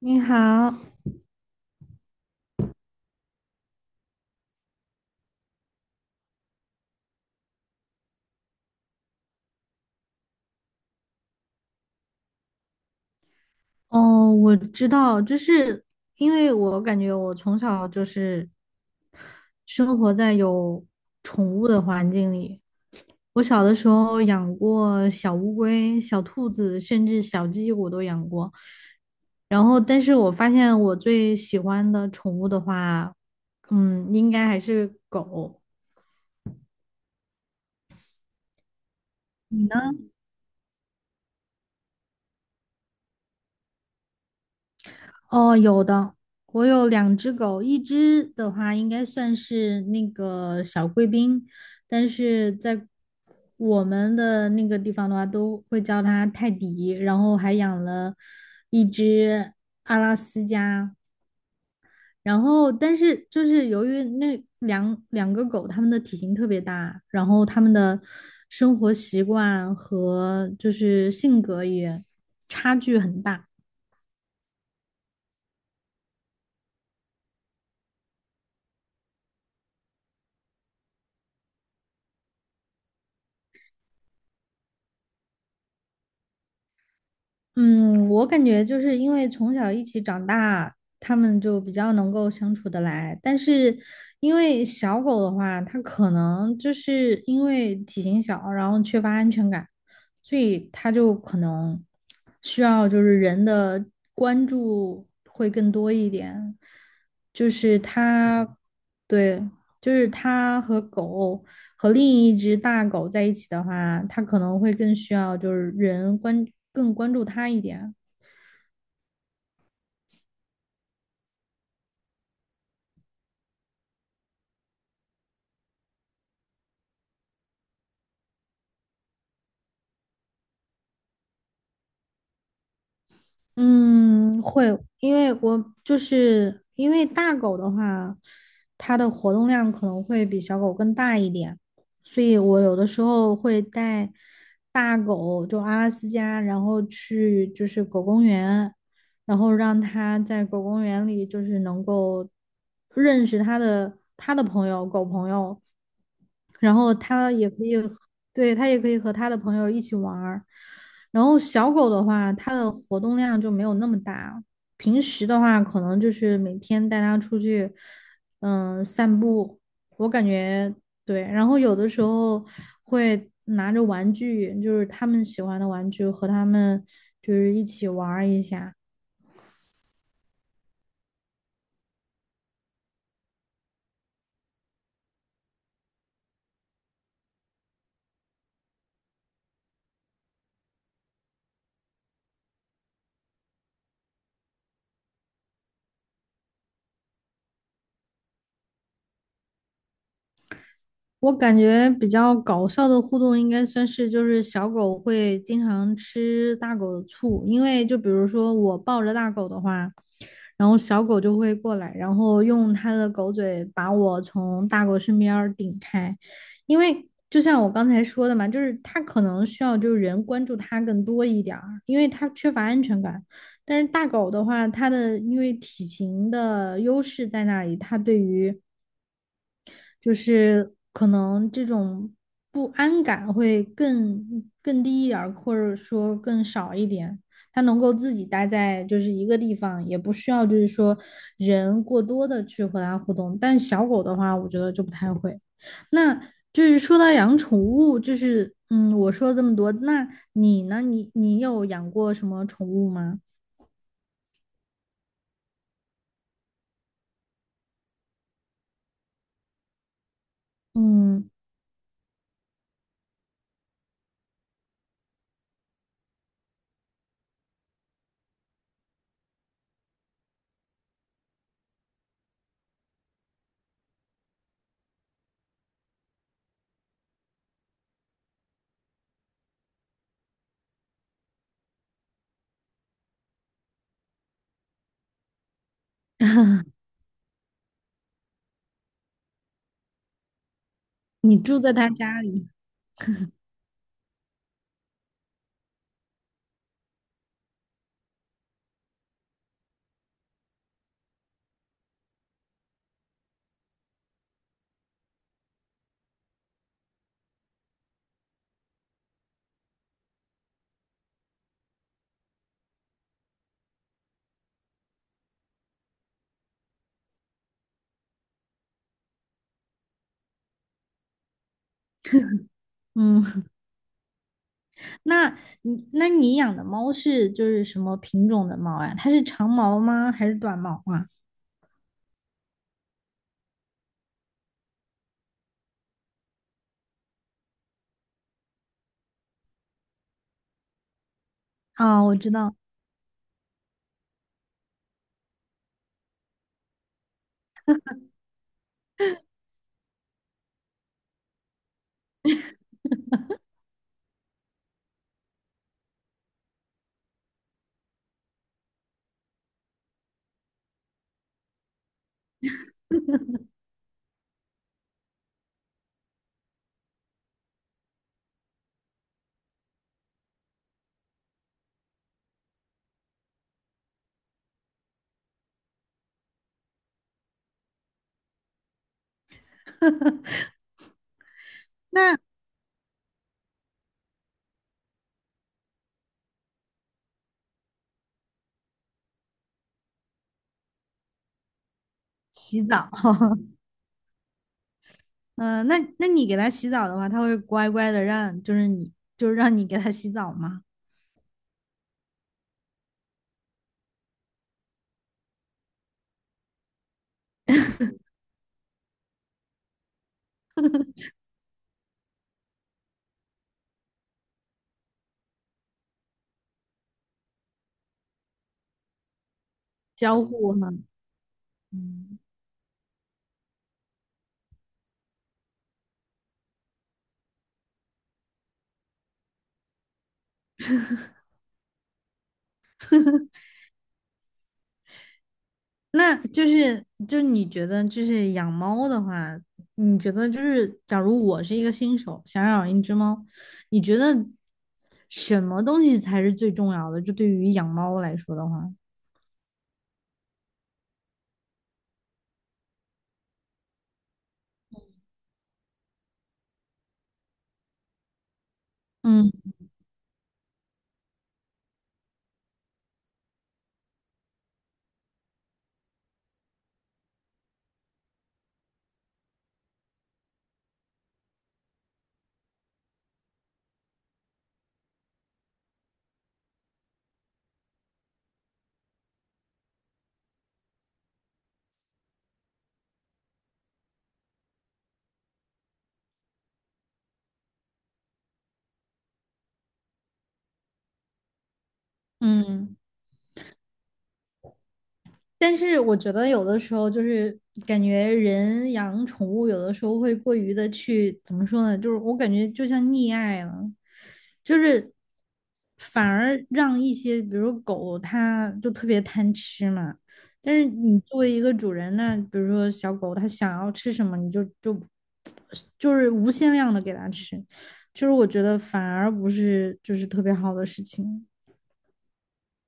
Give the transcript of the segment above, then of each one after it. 你好，哦，我知道，就是因为我感觉我从小就是生活在有宠物的环境里。我小的时候养过小乌龟、小兔子，甚至小鸡，我都养过。然后，但是我发现我最喜欢的宠物的话，应该还是狗。你呢？哦，有的，我有两只狗，一只的话应该算是那个小贵宾，但是在我们的那个地方的话，都会叫它泰迪，然后还养了一只阿拉斯加，然后但是就是由于那两个狗，它们的体型特别大，然后它们的生活习惯和就是性格也差距很大。嗯，我感觉就是因为从小一起长大，他们就比较能够相处得来。但是因为小狗的话，它可能就是因为体型小，然后缺乏安全感，所以它就可能需要就是人的关注会更多一点，就是它，对。就是他和狗和另一只大狗在一起的话，他可能会更需要就是更关注他一点。嗯，会，因为我就是因为大狗的话，它的活动量可能会比小狗更大一点，所以我有的时候会带大狗，就阿拉斯加，然后去就是狗公园，然后让它在狗公园里就是能够认识它的朋友，狗朋友，然后它也可以和对，它也可以和它的朋友一起玩儿。然后小狗的话，它的活动量就没有那么大。平时的话，可能就是每天带它出去，散步。我感觉对，然后有的时候会拿着玩具，就是他们喜欢的玩具，和他们就是一起玩儿一下。我感觉比较搞笑的互动应该算是，就是小狗会经常吃大狗的醋，因为就比如说我抱着大狗的话，然后小狗就会过来，然后用它的狗嘴把我从大狗身边儿顶开，因为就像我刚才说的嘛，就是它可能需要就是人关注它更多一点儿，因为它缺乏安全感。但是大狗的话，它的因为体型的优势在那里，它对于就是可能这种不安感会更低一点儿，或者说更少一点。它能够自己待在就是一个地方，也不需要就是说人过多的去和它互动。但小狗的话，我觉得就不太会。那就是说到养宠物，就是我说了这么多，那你呢？你有养过什么宠物吗？嗯，你住在他家里，嗯。那那你养的猫是就是什么品种的猫呀？它是长毛吗？还是短毛啊？啊，我知道。那洗澡，嗯、那你给它洗澡的话，它会乖乖的让，就是你就是让你给它洗澡吗？交互吗？嗯，那就是你觉得就是养猫的话，你觉得就是假如我是一个新手，想养一只猫，你觉得什么东西才是最重要的？就对于养猫来说的话。嗯。嗯，但是我觉得有的时候就是感觉人养宠物，有的时候会过于的去怎么说呢？就是我感觉就像溺爱了，就是反而让一些比如狗它就特别贪吃嘛，但是你作为一个主人那比如说小狗它想要吃什么，你就就是无限量的给它吃，就是我觉得反而不是就是特别好的事情。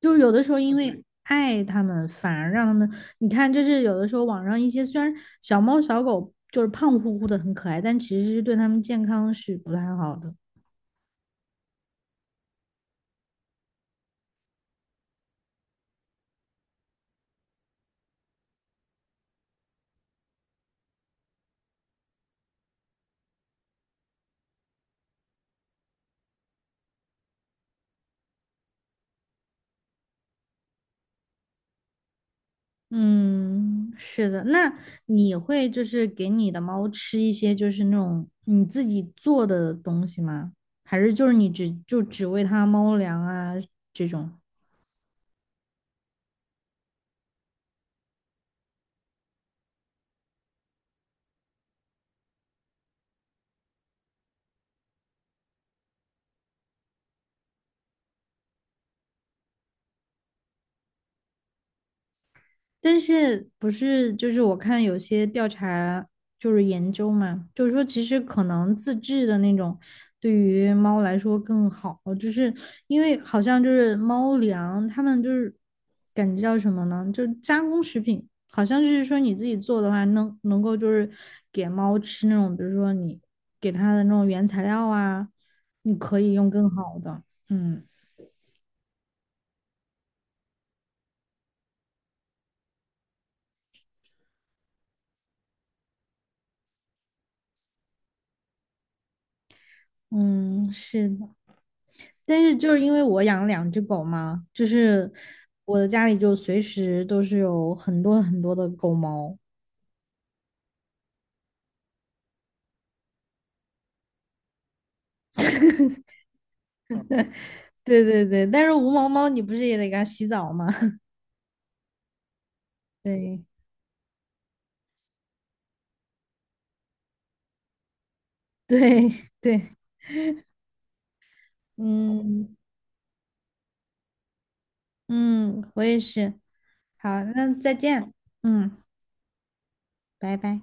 就是有的时候因为爱它们，反而让他们，你看，就是有的时候网上一些虽然小猫小狗就是胖乎乎的很可爱，但其实是对它们健康是不太好的。嗯，是的。那你会就是给你的猫吃一些就是那种你自己做的东西吗？还是就是你只就只喂它猫粮啊这种？但是不是就是我看有些调查就是研究嘛，就是说其实可能自制的那种对于猫来说更好，就是因为好像就是猫粮，它们就是感觉叫什么呢？就是加工食品，好像就是说你自己做的话，能够就是给猫吃那种，比如说你给它的那种原材料啊，你可以用更好的，嗯嗯，是的。但是就是因为我养了两只狗嘛，就是我的家里就随时都是有很多很多的狗毛。对对对，但是无毛猫你不是也得给它洗澡吗？对对对，嗯嗯，我也是。好，那再见。嗯，拜拜。